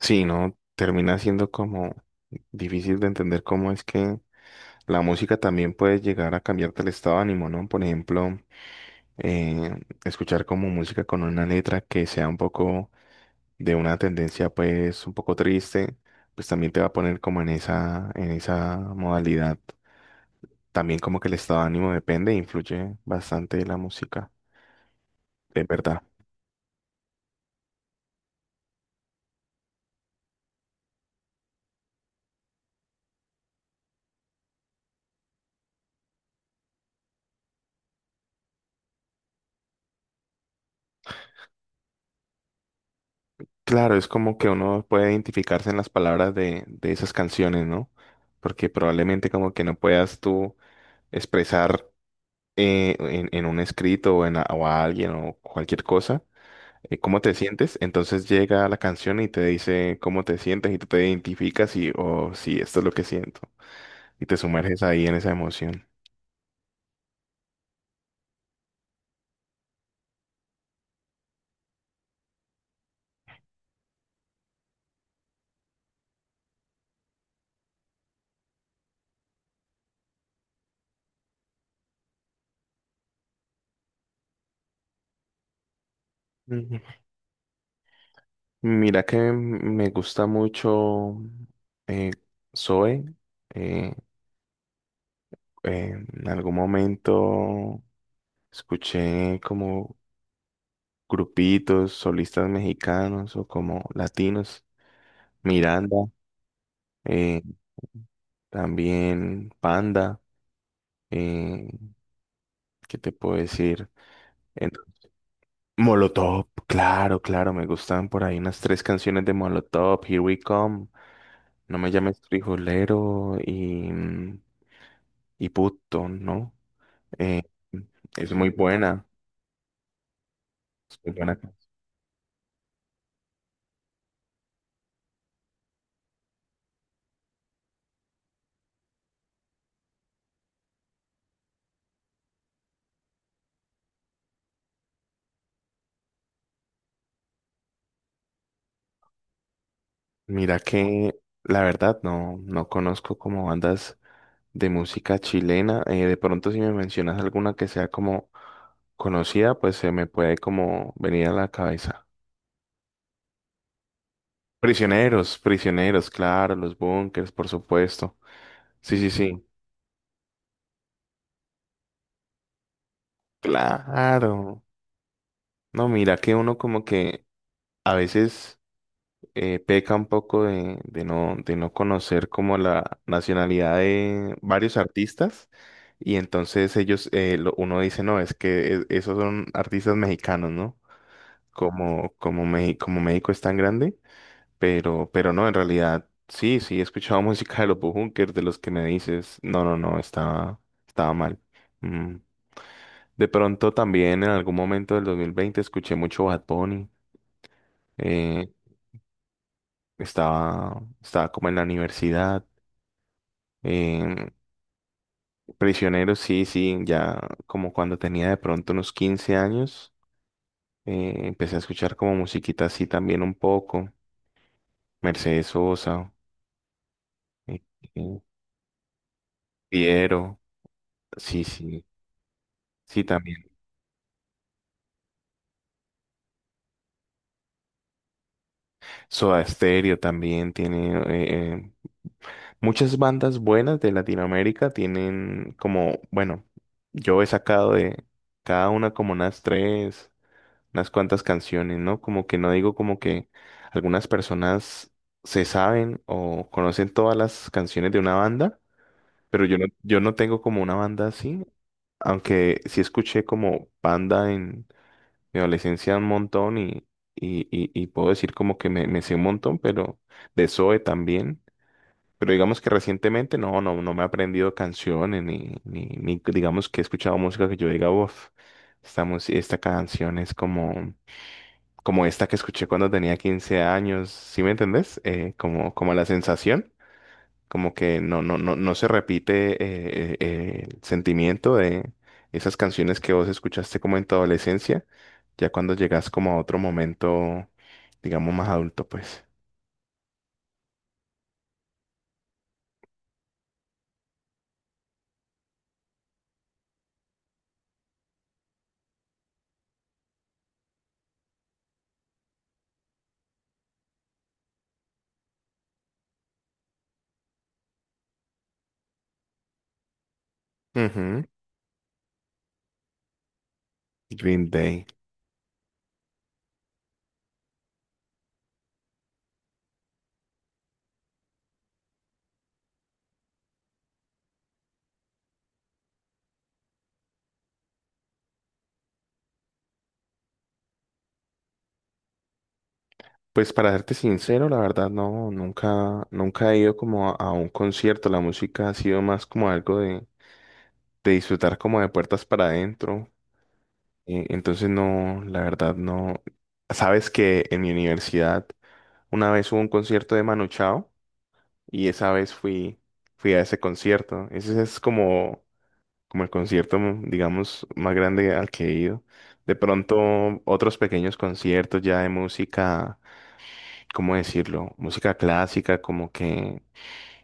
Sí, ¿no? Termina siendo como difícil de entender cómo es que la música también puede llegar a cambiarte el estado de ánimo, ¿no? Por ejemplo, eh, escuchar como música con una letra que sea un poco de una tendencia pues un poco triste, pues también te va a poner como en esa modalidad. También como que el estado de ánimo depende e influye bastante de la música, es verdad. Claro, es como que uno puede identificarse en las palabras de esas canciones, ¿no? Porque probablemente como que no puedas tú expresar en un escrito o, en, a o a alguien o cualquier cosa cómo te sientes. Entonces llega la canción y te dice cómo te sientes y tú te identificas y, oh, sí, esto es lo que siento. Y te sumerges ahí en esa emoción. Ujú. Mira que me gusta mucho eh, Zoe. eh, en algún momento, escuché como grupitos, solistas mexicanos o como latinos, Miranda, eh, también Panda, eh, ¿qué te puedo decir? En- Molotov, claro, claro, me gustan por ahí unas tres canciones de Molotov, Here We Come, No me llames frijolero y, y puto, ¿no? Eh, es muy buena. Mira que la verdad no conozco como bandas de música chilena. De pronto si me mencionas alguna que sea como conocida, pues se me puede como venir a la cabeza. Prisioneros, claro, los bunkers, por supuesto. Sí, sí, sí, claro. No, mira que uno como que a veces peca un poco de no conocer como la nacionalidad de varios artistas. Y entonces ellos, uno dice, no, es que esos son artistas mexicanos, ¿no? Como, como México es tan grande, pero no, en realidad, sí, sí, he escuchado música de los Bunkers, de los que me dices, no, no, no, estaba, estaba mal. Mm. De pronto también en algún momento del 2020 escuché mucho Bad Bunny, eh, estaba, estaba como en la universidad. Eh, Prisionero, sí, sí, ya como cuando tenía de pronto unos 15 años, empecé a escuchar como musiquita así también un poco, Mercedes Sosa, eh, eh, Piero, sí, sí, sí, también. Soda Stereo también tiene muchas bandas buenas de Latinoamérica, tienen como, bueno, yo he sacado de cada una como unas tres, unas cuantas canciones, ¿no? Como que no digo como que algunas personas se saben o conocen todas las canciones de una banda, pero yo no, yo no tengo como una banda así, aunque sí escuché como banda en Me adolescencia un montón y puedo decir como que me sé un montón, pero de Zoe también. Pero digamos que recientemente no, no, no me he aprendido canciones ni digamos que he escuchado música que yo diga, uff, esta canción es como, como esta que escuché cuando tenía 15 años, ¿sí me entendés? Como, como la sensación como que no se repite el sentimiento de esas canciones que vos escuchaste como en tu adolescencia, ya cuando llegas como a otro momento, digamos, más adulto, pues. Ujú, Green Day. Pues para serte sincero, la verdad no, nunca, nunca he ido como a un concierto. La música ha sido más como algo de disfrutar como de puertas para adentro. Entonces no, la verdad no. Sabes que en mi universidad una vez hubo un concierto de Manu Chao, y esa vez fui a ese concierto. Ese es como, como el concierto, digamos, más grande al que he ido. De pronto, otros pequeños conciertos ya de música, ¿cómo decirlo? Música clásica, como que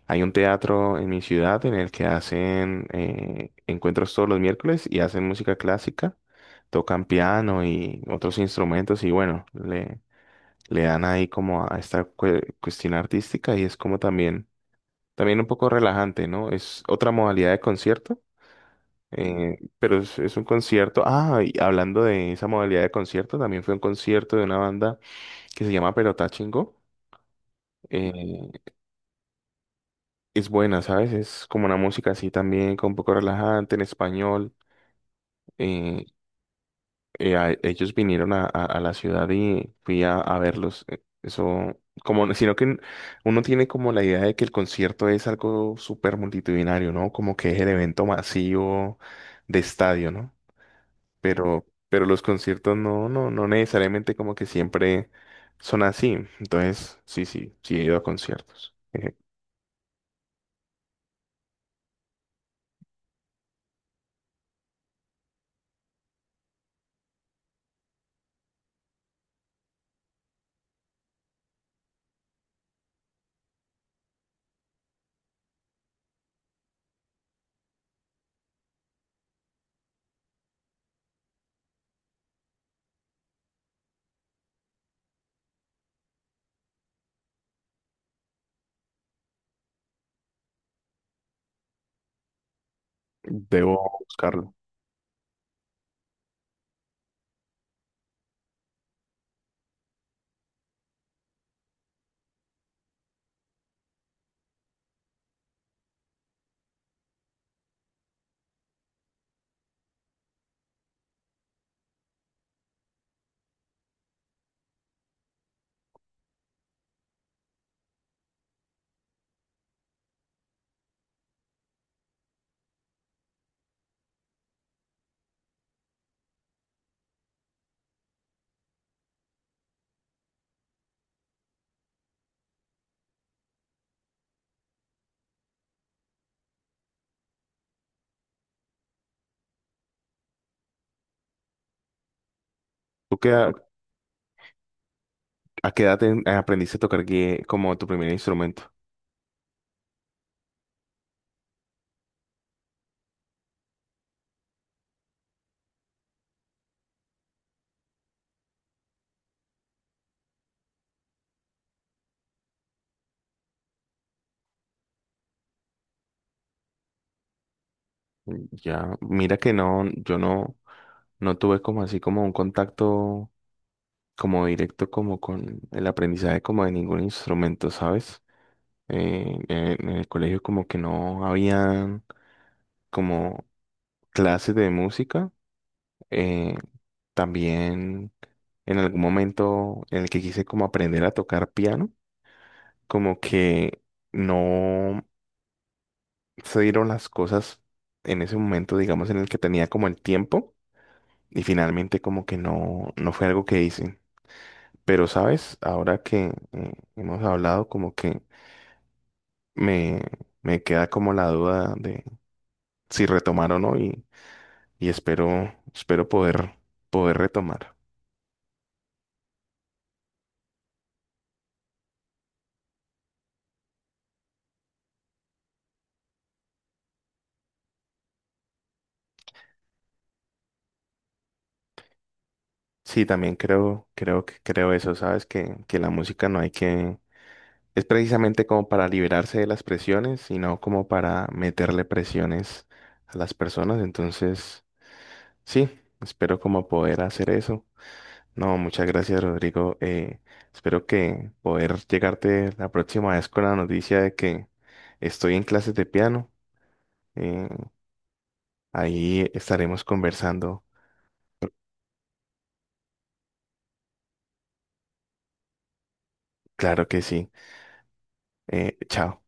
hay un teatro en mi ciudad en el que hacen encuentros todos los miércoles y hacen música clásica. Tocan piano y otros instrumentos y bueno, le dan ahí como a esta cuestión artística y es como también un poco relajante, ¿no? Es otra modalidad de concierto, pero es un concierto. Ah, y hablando de esa modalidad de concierto, también fue un concierto de una banda que se llama Perotá Chingó. Eh, es buena, ¿sabes? Es como una música así también, con un poco relajante en español. Eh, Ellos vinieron a la ciudad y fui a verlos. Eso, como, uno tiene como la idea de que el concierto es algo súper multitudinario, ¿no? Como que es el evento masivo de estadio, ¿no? Pero los conciertos no, no, no necesariamente como que siempre son así. Entonces, sí, sí, sí he ido a conciertos. Debo buscarlo. ¿Tú qué, a qué edad aprendiste a tocar como tu primer instrumento? Ya, mira que no, yo no, no tuve como así como un contacto como directo como con el aprendizaje como de ningún instrumento, ¿sabes? En el colegio como que no habían como clases de música. eh, También en algún momento en el que quise como aprender a tocar piano, como que no se dieron las cosas en ese momento, digamos, en el que tenía como el tiempo. Y finalmente como que no, no fue algo que hice. Pero, ¿sabes? Ahora que hemos hablado, como que me, me queda como la duda de si retomar o no y, y espero poder retomar. Sí, también creo eso, ¿sabes? Que la música no hay que... Es precisamente como para liberarse de las presiones, sino como para meterle presiones a las personas. Entonces, sí, espero como poder hacer eso. No, muchas gracias, Rodrigo. Espero que poder llegarte la próxima vez con la noticia de que estoy en clases de piano. Eh, Ahí estaremos conversando. Claro que sí. Chao.